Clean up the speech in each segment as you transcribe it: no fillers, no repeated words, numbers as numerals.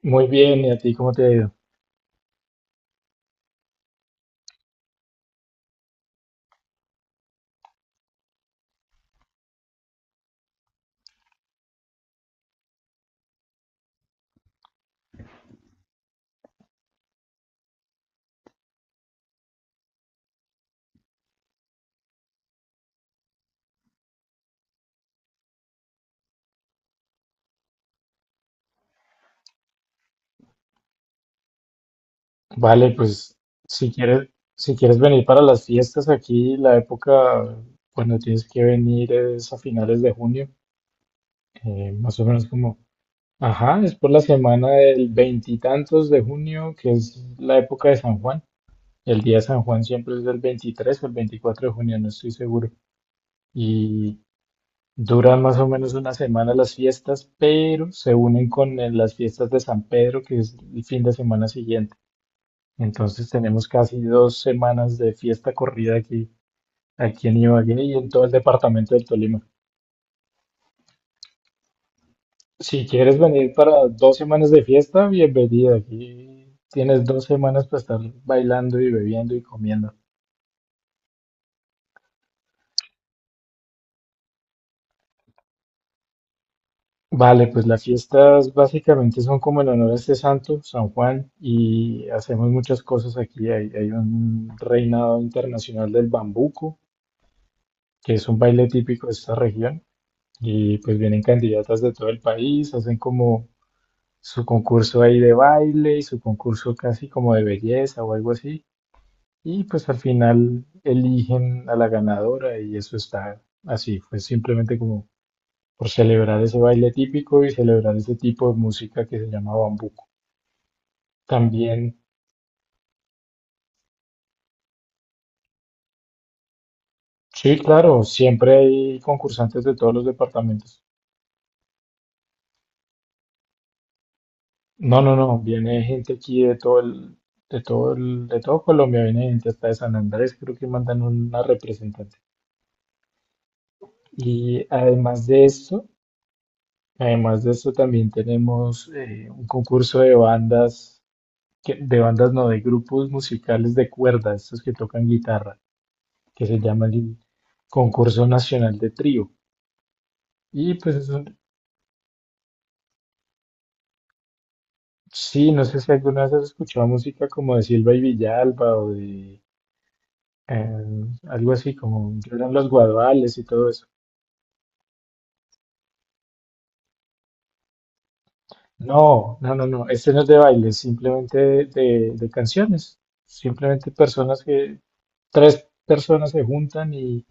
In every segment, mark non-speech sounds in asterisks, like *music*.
Muy bien, ¿y a ti cómo te ha ido? Vale, pues si quieres, si quieres venir para las fiestas aquí, la época cuando tienes que venir es a finales de junio, más o menos como, ajá, es por la semana del veintitantos de junio, que es la época de San Juan. El día de San Juan siempre es del 23 o el 24 de junio, no estoy seguro. Y duran más o menos una semana las fiestas, pero se unen con las fiestas de San Pedro, que es el fin de semana siguiente. Entonces tenemos casi 2 semanas de fiesta corrida aquí en Ibagué y en todo el departamento del Tolima. Si quieres venir para 2 semanas de fiesta, bienvenida. Aquí tienes 2 semanas para estar bailando y bebiendo y comiendo. Vale, pues las fiestas básicamente son como en honor a este santo, San Juan, y hacemos muchas cosas aquí. Hay un reinado internacional del bambuco, que es un baile típico de esta región, y pues vienen candidatas de todo el país, hacen como su concurso ahí de baile y su concurso casi como de belleza o algo así. Y pues al final eligen a la ganadora y eso está así. Fue simplemente como por celebrar ese baile típico y celebrar ese tipo de música que se llama bambuco. También, sí, claro, siempre hay concursantes de todos los departamentos. No, no, no, viene gente aquí de todo Colombia, viene gente hasta de San Andrés, creo que mandan una representante. Y además de eso, también tenemos un concurso de bandas, de bandas no, de grupos musicales de cuerda, estos que tocan guitarra, que se llama el Concurso Nacional de Trío. Y pues es un- sí, no sé si alguna vez has escuchado música como de Silva y Villalba o de algo así como Lloran los Guaduales y todo eso. No, no, no, no, este no es de baile, simplemente de canciones, simplemente personas que, tres personas se juntan y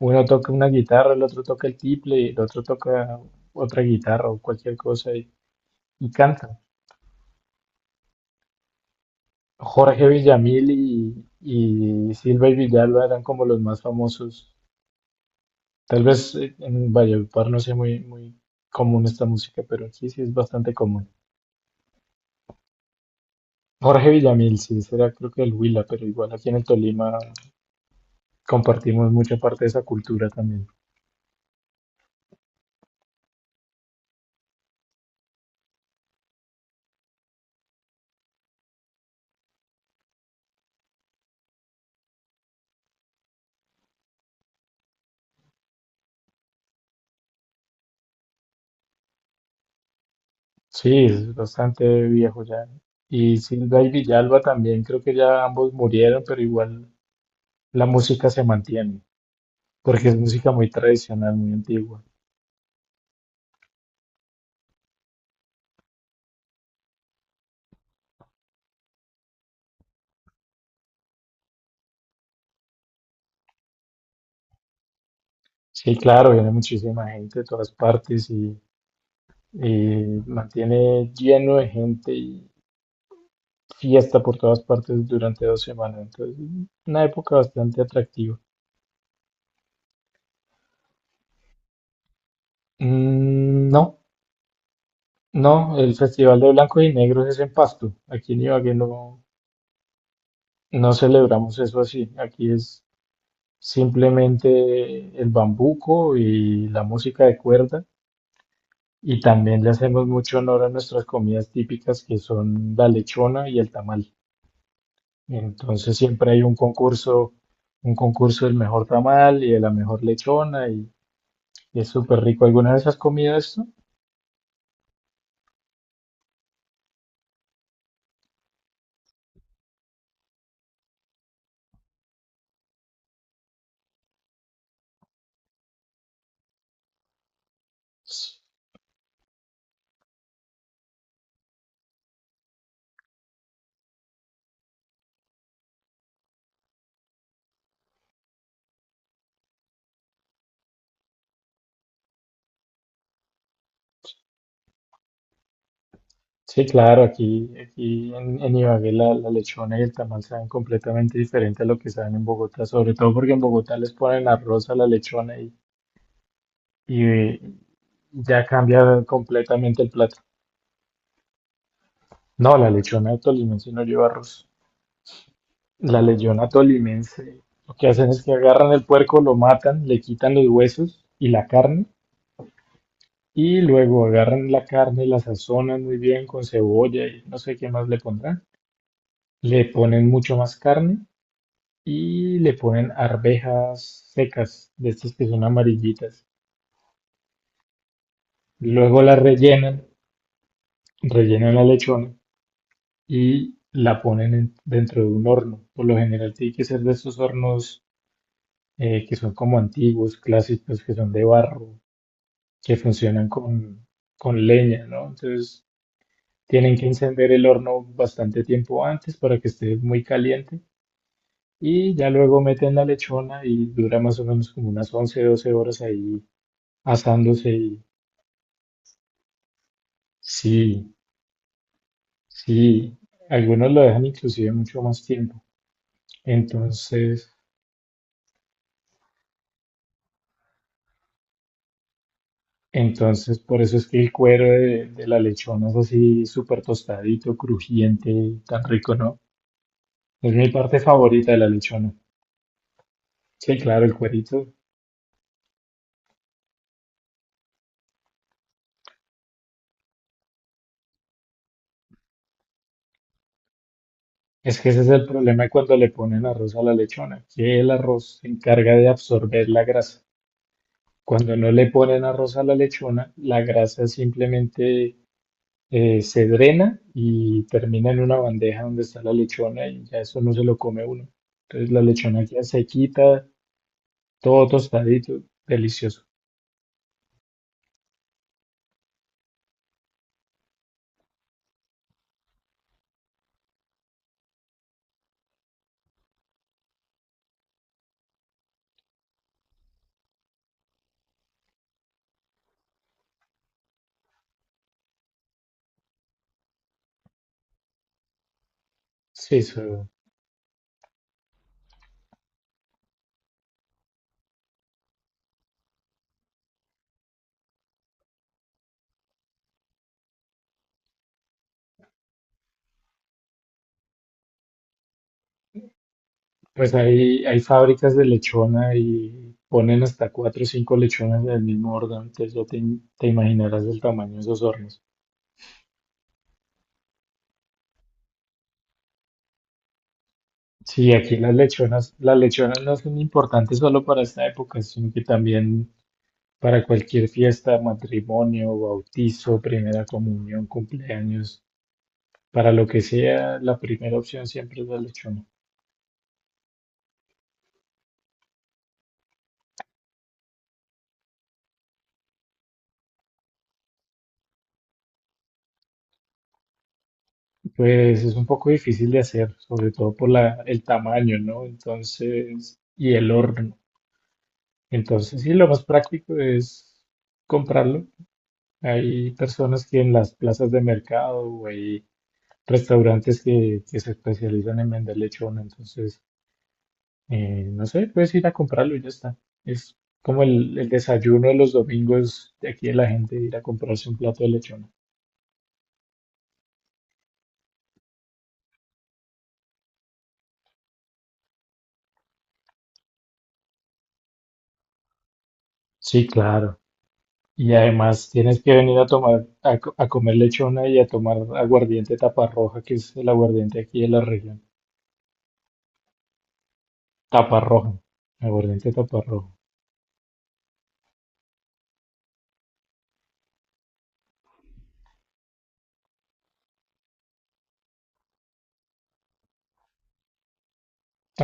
uno toca una guitarra, el otro toca el tiple, el otro toca otra guitarra o cualquier cosa y cantan. Jorge Villamil y Silva y Villalba eran como los más famosos. Tal vez en Valledupar no sea muy, muy común esta música, pero aquí sí es bastante común. Jorge Villamil, sí, será creo que el Huila, pero igual aquí en el Tolima compartimos mucha parte de esa cultura también. Sí, es bastante viejo ya. Y Silva y Villalba también, creo que ya ambos murieron, pero igual la música se mantiene, porque es música muy tradicional, muy antigua. Sí, claro, viene muchísima gente de todas partes y mantiene lleno de gente y fiesta por todas partes durante 2 semanas. Entonces, una época bastante atractiva. Mm, no, no, el Festival de Blanco y Negros es en Pasto. Aquí en Ibagué no, no celebramos eso así. Aquí es simplemente el bambuco y la música de cuerda. Y también le hacemos mucho honor a nuestras comidas típicas que son la lechona y el tamal. Entonces siempre hay un concurso del mejor tamal y de la mejor lechona y es súper rico. ¿Alguna vez has comido esto? Sí, claro, aquí en Ibagué la lechona y el tamal saben completamente diferente a lo que saben en Bogotá, sobre todo porque en Bogotá les ponen arroz a la lechona y, eh, ya cambia completamente el plato. No, la lechona de Tolima sí no lleva arroz. La leyona tolimense, lo que hacen es que agarran el puerco, lo matan, le quitan los huesos y la carne, y luego agarran la carne, la sazonan muy bien con cebolla y no sé qué más le pondrán. Le ponen mucho más carne y le ponen arvejas secas, de estas que son amarillitas. Luego la rellenan, rellenan la lechona y la ponen dentro de un horno. Por lo general tiene que ser de estos hornos que son como antiguos, clásicos, que son de barro, que funcionan con leña, ¿no? Entonces tienen que encender el horno bastante tiempo antes para que esté muy caliente y ya luego meten la lechona y dura más o menos como unas 11, 12 horas ahí asándose y sí, sí, algunos lo dejan inclusive mucho más tiempo. Entonces, entonces, por eso es que el cuero de la lechona es así súper tostadito, crujiente, tan rico, ¿no? Es mi parte favorita de la lechona. Sí, claro, el cuerito. Es que ese es el problema de cuando le ponen arroz a la lechona, que el arroz se encarga de absorber la grasa. Cuando no le ponen arroz a la lechona, la grasa simplemente se drena y termina en una bandeja donde está la lechona y ya eso no se lo come uno. Entonces la lechona queda sequita, todo tostadito, delicioso. Sí, pues hay fábricas de lechona y ponen hasta cuatro o cinco lechonas del mismo orden, entonces ya te imaginarás el tamaño de esos hornos. Sí, aquí las lechonas no son importantes solo para esta época, sino que también para cualquier fiesta, matrimonio, bautizo, primera comunión, cumpleaños, para lo que sea, la primera opción siempre es la lechona. Pues es un poco difícil de hacer, sobre todo por la, el tamaño, ¿no? Entonces, y el horno. Entonces, sí, lo más práctico es comprarlo. Hay personas que en las plazas de mercado, o ahí restaurantes que se especializan en vender lechona, entonces, no sé, puedes ir a comprarlo y ya está. Es como el desayuno de los domingos de aquí de la gente, ir a comprarse un plato de lechona. Sí, claro. Y además tienes que venir a tomar, a comer lechona y a tomar aguardiente taparroja, que es el aguardiente aquí de la región. Taparroja, aguardiente taparroja.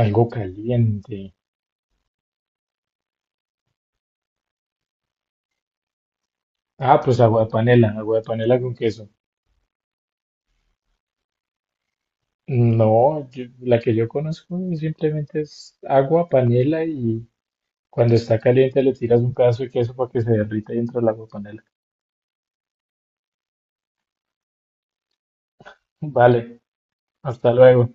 Algo caliente. Ah, pues agua de panela con queso. No, la que yo conozco simplemente es agua, panela y cuando está caliente le tiras un pedazo de queso para que se derrita y entra el agua panela. *laughs* Vale, hasta luego.